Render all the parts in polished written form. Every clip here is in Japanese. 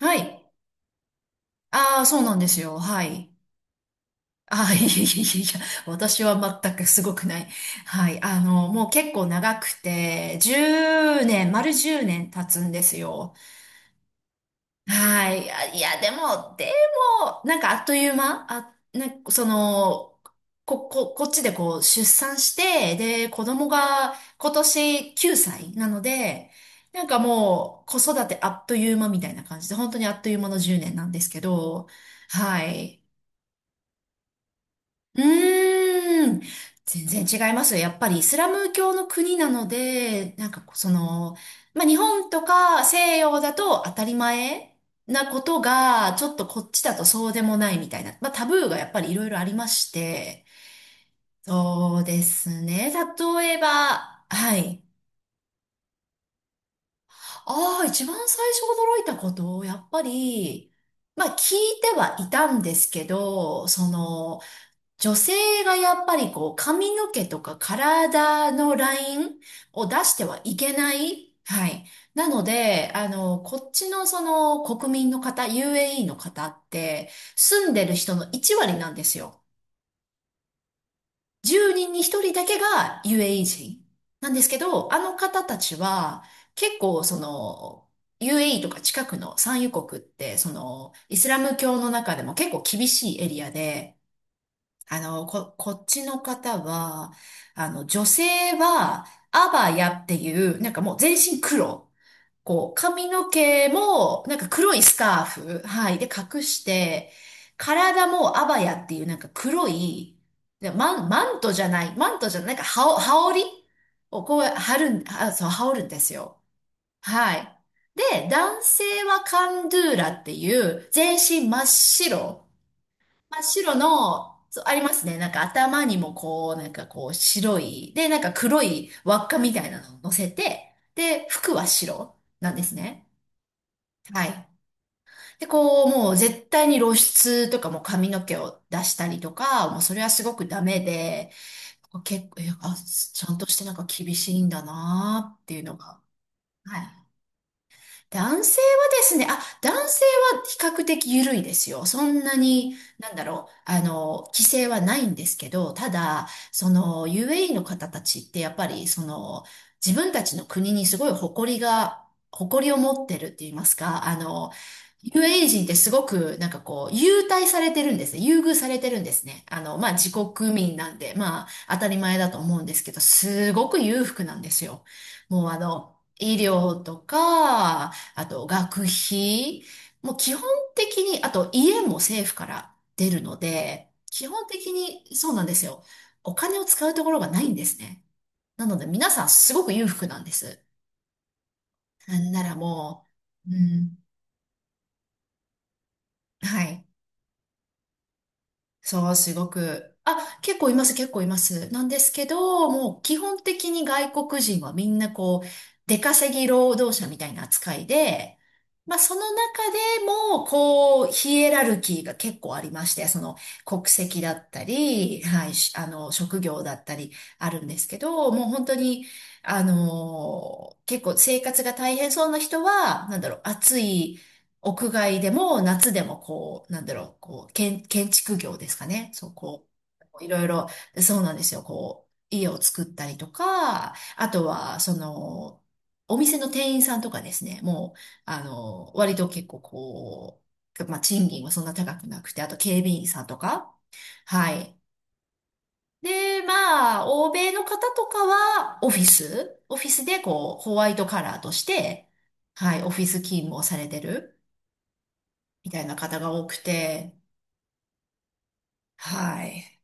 はい。ああ、そうなんですよ。はい。ああ、いやいやいやいや、私は全くすごくない。はい。もう結構長くて、10年、丸10年経つんですよ。はい。あいや、でも、なんかあっという間、なんかその、こっちでこう出産して、で、子供が今年9歳なので、なんかもう子育てあっという間みたいな感じで、本当にあっという間の10年なんですけど、はい。うーん。全然違いますよ。やっぱりイスラム教の国なので、なんかこうまあ、日本とか西洋だと当たり前なことが、ちょっとこっちだとそうでもないみたいな、まあ、タブーがやっぱりいろいろありまして、そうですね。例えば、はい。ああ、一番最初驚いたこと、やっぱり、まあ聞いてはいたんですけど、女性がやっぱりこう髪の毛とか体のラインを出してはいけない。はい。なので、こっちのその国民の方、UAE の方って住んでる人の1割なんですよ。10人に1人だけが UAE 人なんですけど、あの方たちは結構その UAE とか近くの産油国ってそのイスラム教の中でも結構厳しいエリアで、こっちの方は、女性は、アバヤっていう、なんかもう全身黒。こう、髪の毛も、なんか黒いスカーフ、はい、で隠して、体もアバヤっていうなんか黒い、で、マントじゃない、マントじゃない、なんか羽織、羽織をこう、貼るん、あ、そう、羽織るんですよ。はい。で、男性はカンドゥーラっていう、全身真っ白。真っ白の、そうありますね。なんか頭にもこう、なんかこう白い、で、なんか黒い輪っかみたいなのを乗せて、で、服は白なんですね。はい。で、こう、もう絶対に露出とかも髪の毛を出したりとか、もうそれはすごくダメで、結構、ちゃんとしてなんか厳しいんだなーっていうのが。はい。男性は比較的緩いですよ。そんなに、なんだろう、規制はないんですけど、ただ、その UAE の方たちってやっぱり、自分たちの国にすごい誇りが、誇りを持ってるって言いますか、UAE 人ってすごく、なんかこう、優待されてるんですね。優遇されてるんですね。まあ、自国民なんで、まあ、当たり前だと思うんですけど、すごく裕福なんですよ。もう医療とか、あと学費、もう基本的に、あと家も政府から出るので、基本的にそうなんですよ。お金を使うところがないんですね。なので皆さんすごく裕福なんです。なんならもう、うん、はい。そう、すごく。あ、結構います、結構います。なんですけど、もう基本的に外国人はみんなこう、出稼ぎ労働者みたいな扱いで、まあその中でも、こう、ヒエラルキーが結構ありまして、その国籍だったり、はい、しあの、職業だったりあるんですけど、もう本当に、結構生活が大変そうな人は、なんだろう、暑い、屋外でも夏でもこう、なんだろう、こう、建築業ですかね。そう、こう、いろいろ、そうなんですよ。こう、家を作ったりとか、あとは、その、お店の店員さんとかですね、もう、割と結構こう、まあ、賃金はそんな高くなくて、あと警備員さんとか、はい。で、まあ、欧米の方とかは、オフィスでこう、ホワイトカラーとして、はい、オフィス勤務をされてる。みたいな方が多くて、はい。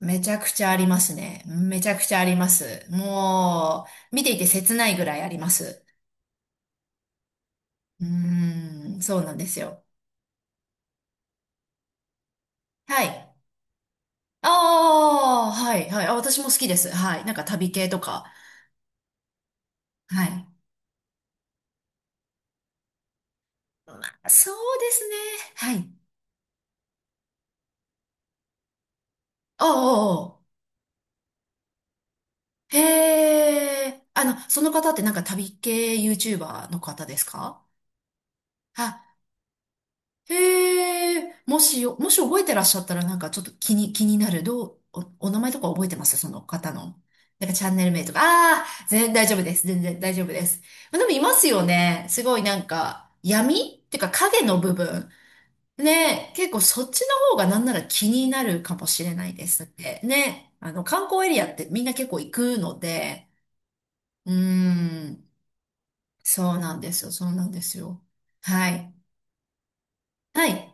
めちゃくちゃありますね。めちゃくちゃあります。もう、見ていて切ないぐらいあります。うーん、そうなんですよ。はい。ああ、はい、はい。あ、私も好きです。はい。なんか旅系とか。はい。そうですね。はい。おーおー、へえ。その方ってなんか旅系 YouTuber の方ですかあ？へえ、もし覚えてらっしゃったらなんかちょっと気になる。お名前とか覚えてますその方の。なんかチャンネル名とか。ああ、全然大丈夫です。全然大丈夫です。まあでもいますよね。すごいなんか闇っていうか影の部分。ね、結構そっちの方がなんなら気になるかもしれないですって。ね、あの観光エリアってみんな結構行くので、うーん、そうなんですよ。そうなんですよ。はい。はい。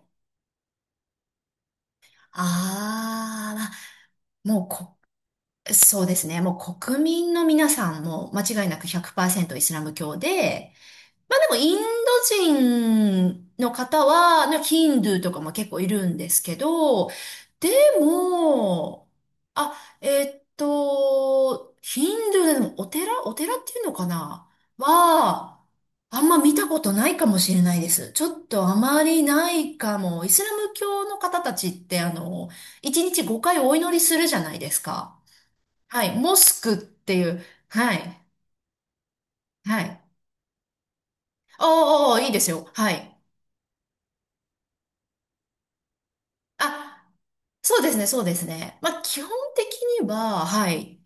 ああ、もうそうですね。もう国民の皆さんも間違いなく100%イスラム教で、まあでもインド人の方は、ねヒンドゥーとかも結構いるんですけど、でも、あ、ヒンドゥーでもお寺っていうのかなは、あんま見たことないかもしれないです。ちょっとあまりないかも。イスラム教の方たちって1日5回お祈りするじゃないですか。はい、モスクっていう、はい、はい。おーおー、いいですよ。はい。あ、そうですね、そうですね。まあ、基本的には、はい。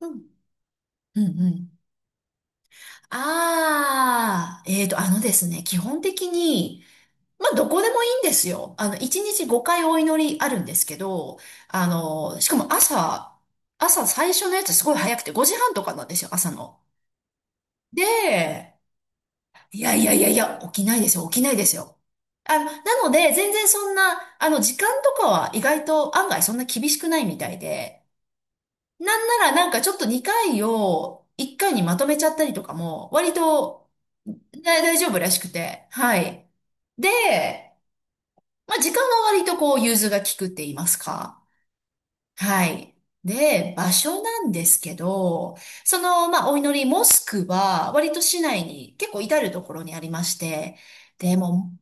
うん、うん、うん。あー、えーと、あのですね、基本的に、まあ、どこでもいいんですよ。1日5回お祈りあるんですけど、しかも朝最初のやつすごい早くて、5時半とかなんですよ、朝の。で、いやいやいやいや、起きないですよ、起きないですよ。なので、全然そんな、時間とかは意外と案外そんな厳しくないみたいで、なんならなんかちょっと2回を1回にまとめちゃったりとかも、割と、だ大丈夫らしくて、はい。で、まあ、時間は割とこう、融通が利くって言いますか。はい。で、場所なんですけど、その、まあ、お祈り、モスクは、割と市内に結構至るところにありまして、でも、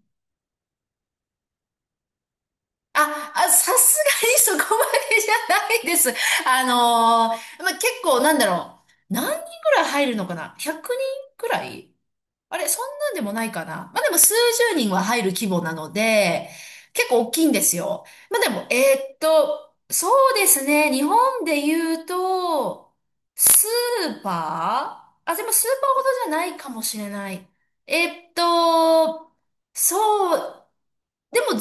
さすがにそこまでじゃないです。まあ、結構なんだろう。何人ぐらい入るのかな？ 100 人くらい。あれ、そんなんでもないかな。まあ、でも数十人は入る規模なので、結構大きいんですよ。まあ、でも、そうですね。日本で言うと、スーパーあ、でもスーパーほどじゃないかもしれない。えーっと、そうでも神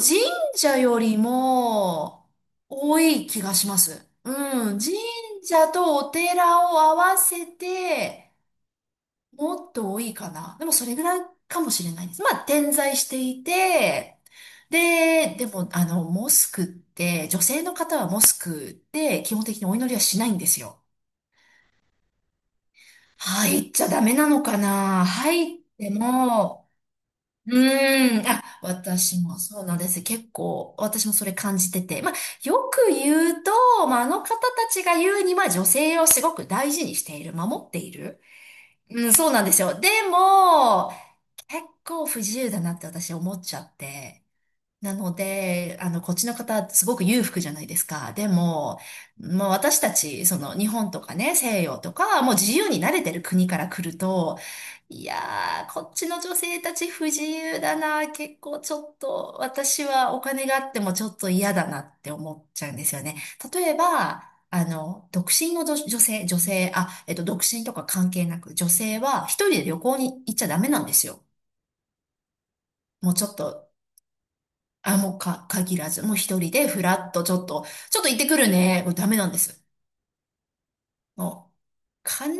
社よりも多い気がします。うん。神社とお寺を合わせてもっと多いかな。でもそれぐらいかもしれないです。まあ点在していて、で、でもモスクって、女性の方はモスクって基本的にお祈りはしないんですよ。入っちゃダメなのかな。入っても、うーん。あ、私もそうなんです。結構、私もそれ感じてて。まあ、よく言うと、まあ、あの方たちが言うには、女性をすごく大事にしている、守っている。うん、そうなんですよ。でも、結構不自由だなって私思っちゃって。なので、あの、こっちの方、すごく裕福じゃないですか。でも、まあ私たち、その、日本とかね、西洋とか、もう自由に慣れてる国から来ると、いやー、こっちの女性たち不自由だな、結構ちょっと、私はお金があってもちょっと嫌だなって思っちゃうんですよね。例えば、あの、独身の、女性、あ、独身とか関係なく、女性は一人で旅行に行っちゃダメなんですよ。もうちょっとあ、もうか、限らず、もう一人でフラッとちょっと、ちょっと行ってくるね。もうダメなんです。もう、必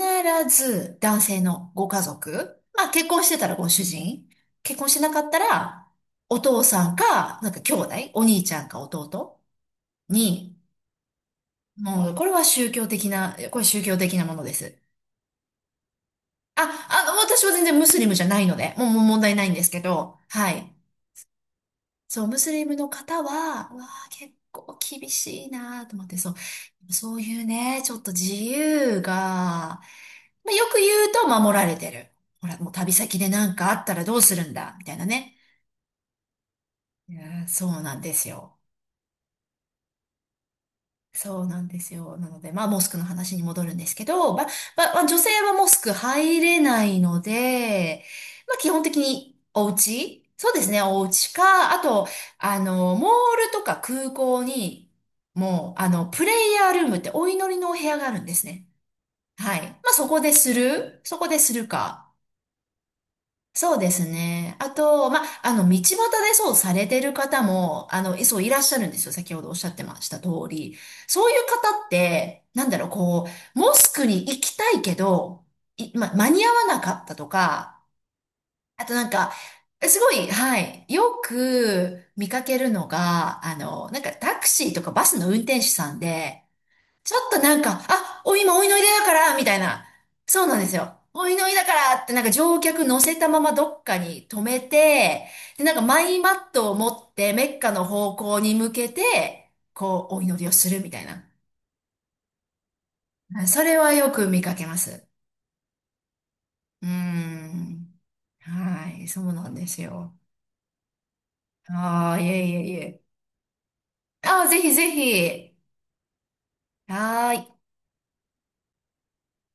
ず男性のご家族、まあ結婚してたらご主人、結婚してなかったら、お父さんか、なんか兄弟、お兄ちゃんか弟に、もう、これ宗教的なものです。あ、私は全然ムスリムじゃないので、もう問題ないんですけど、はい。そう、ムスリムの方は、うわあ、結構厳しいなーと思って、そういうね、ちょっと自由が、まあ、よく言うと守られてる。ほら、もう旅先で何かあったらどうするんだ、みたいなね。いやーそうなんですよ。そうなんですよ。なので、まあ、モスクの話に戻るんですけど、まあ女性はモスク入れないので、まあ、基本的にお家そうですね、お家か、あと、あの、モールとか空港に、もう、あの、プレイヤールームってお祈りのお部屋があるんですね。はい。まあ、そこでするか。そうですね。あと、まあ、あの、道端でそうされてる方も、あの、そういらっしゃるんですよ。先ほどおっしゃってました通り。そういう方って、なんだろう、こう、モスクに行きたいけど、い、ま、間に合わなかったとか、あとなんか、すごい、はい、よく見かけるのが、あの、なんかタクシーとかバスの運転手さんで、ちょっとなんか、あ、お、今、お祈りだから、みたいな。そうなんですよ。お祈りだからって、なんか乗客乗せたままどっかに止めて、で、なんかマイマットを持ってメッカの方向に向けて、こう、お祈りをするみたいな。はいそれはよく見かけます。うーん。はい、そうなんですよ。ああ、いえいえいえ。ああ、ぜひぜひ。はーい。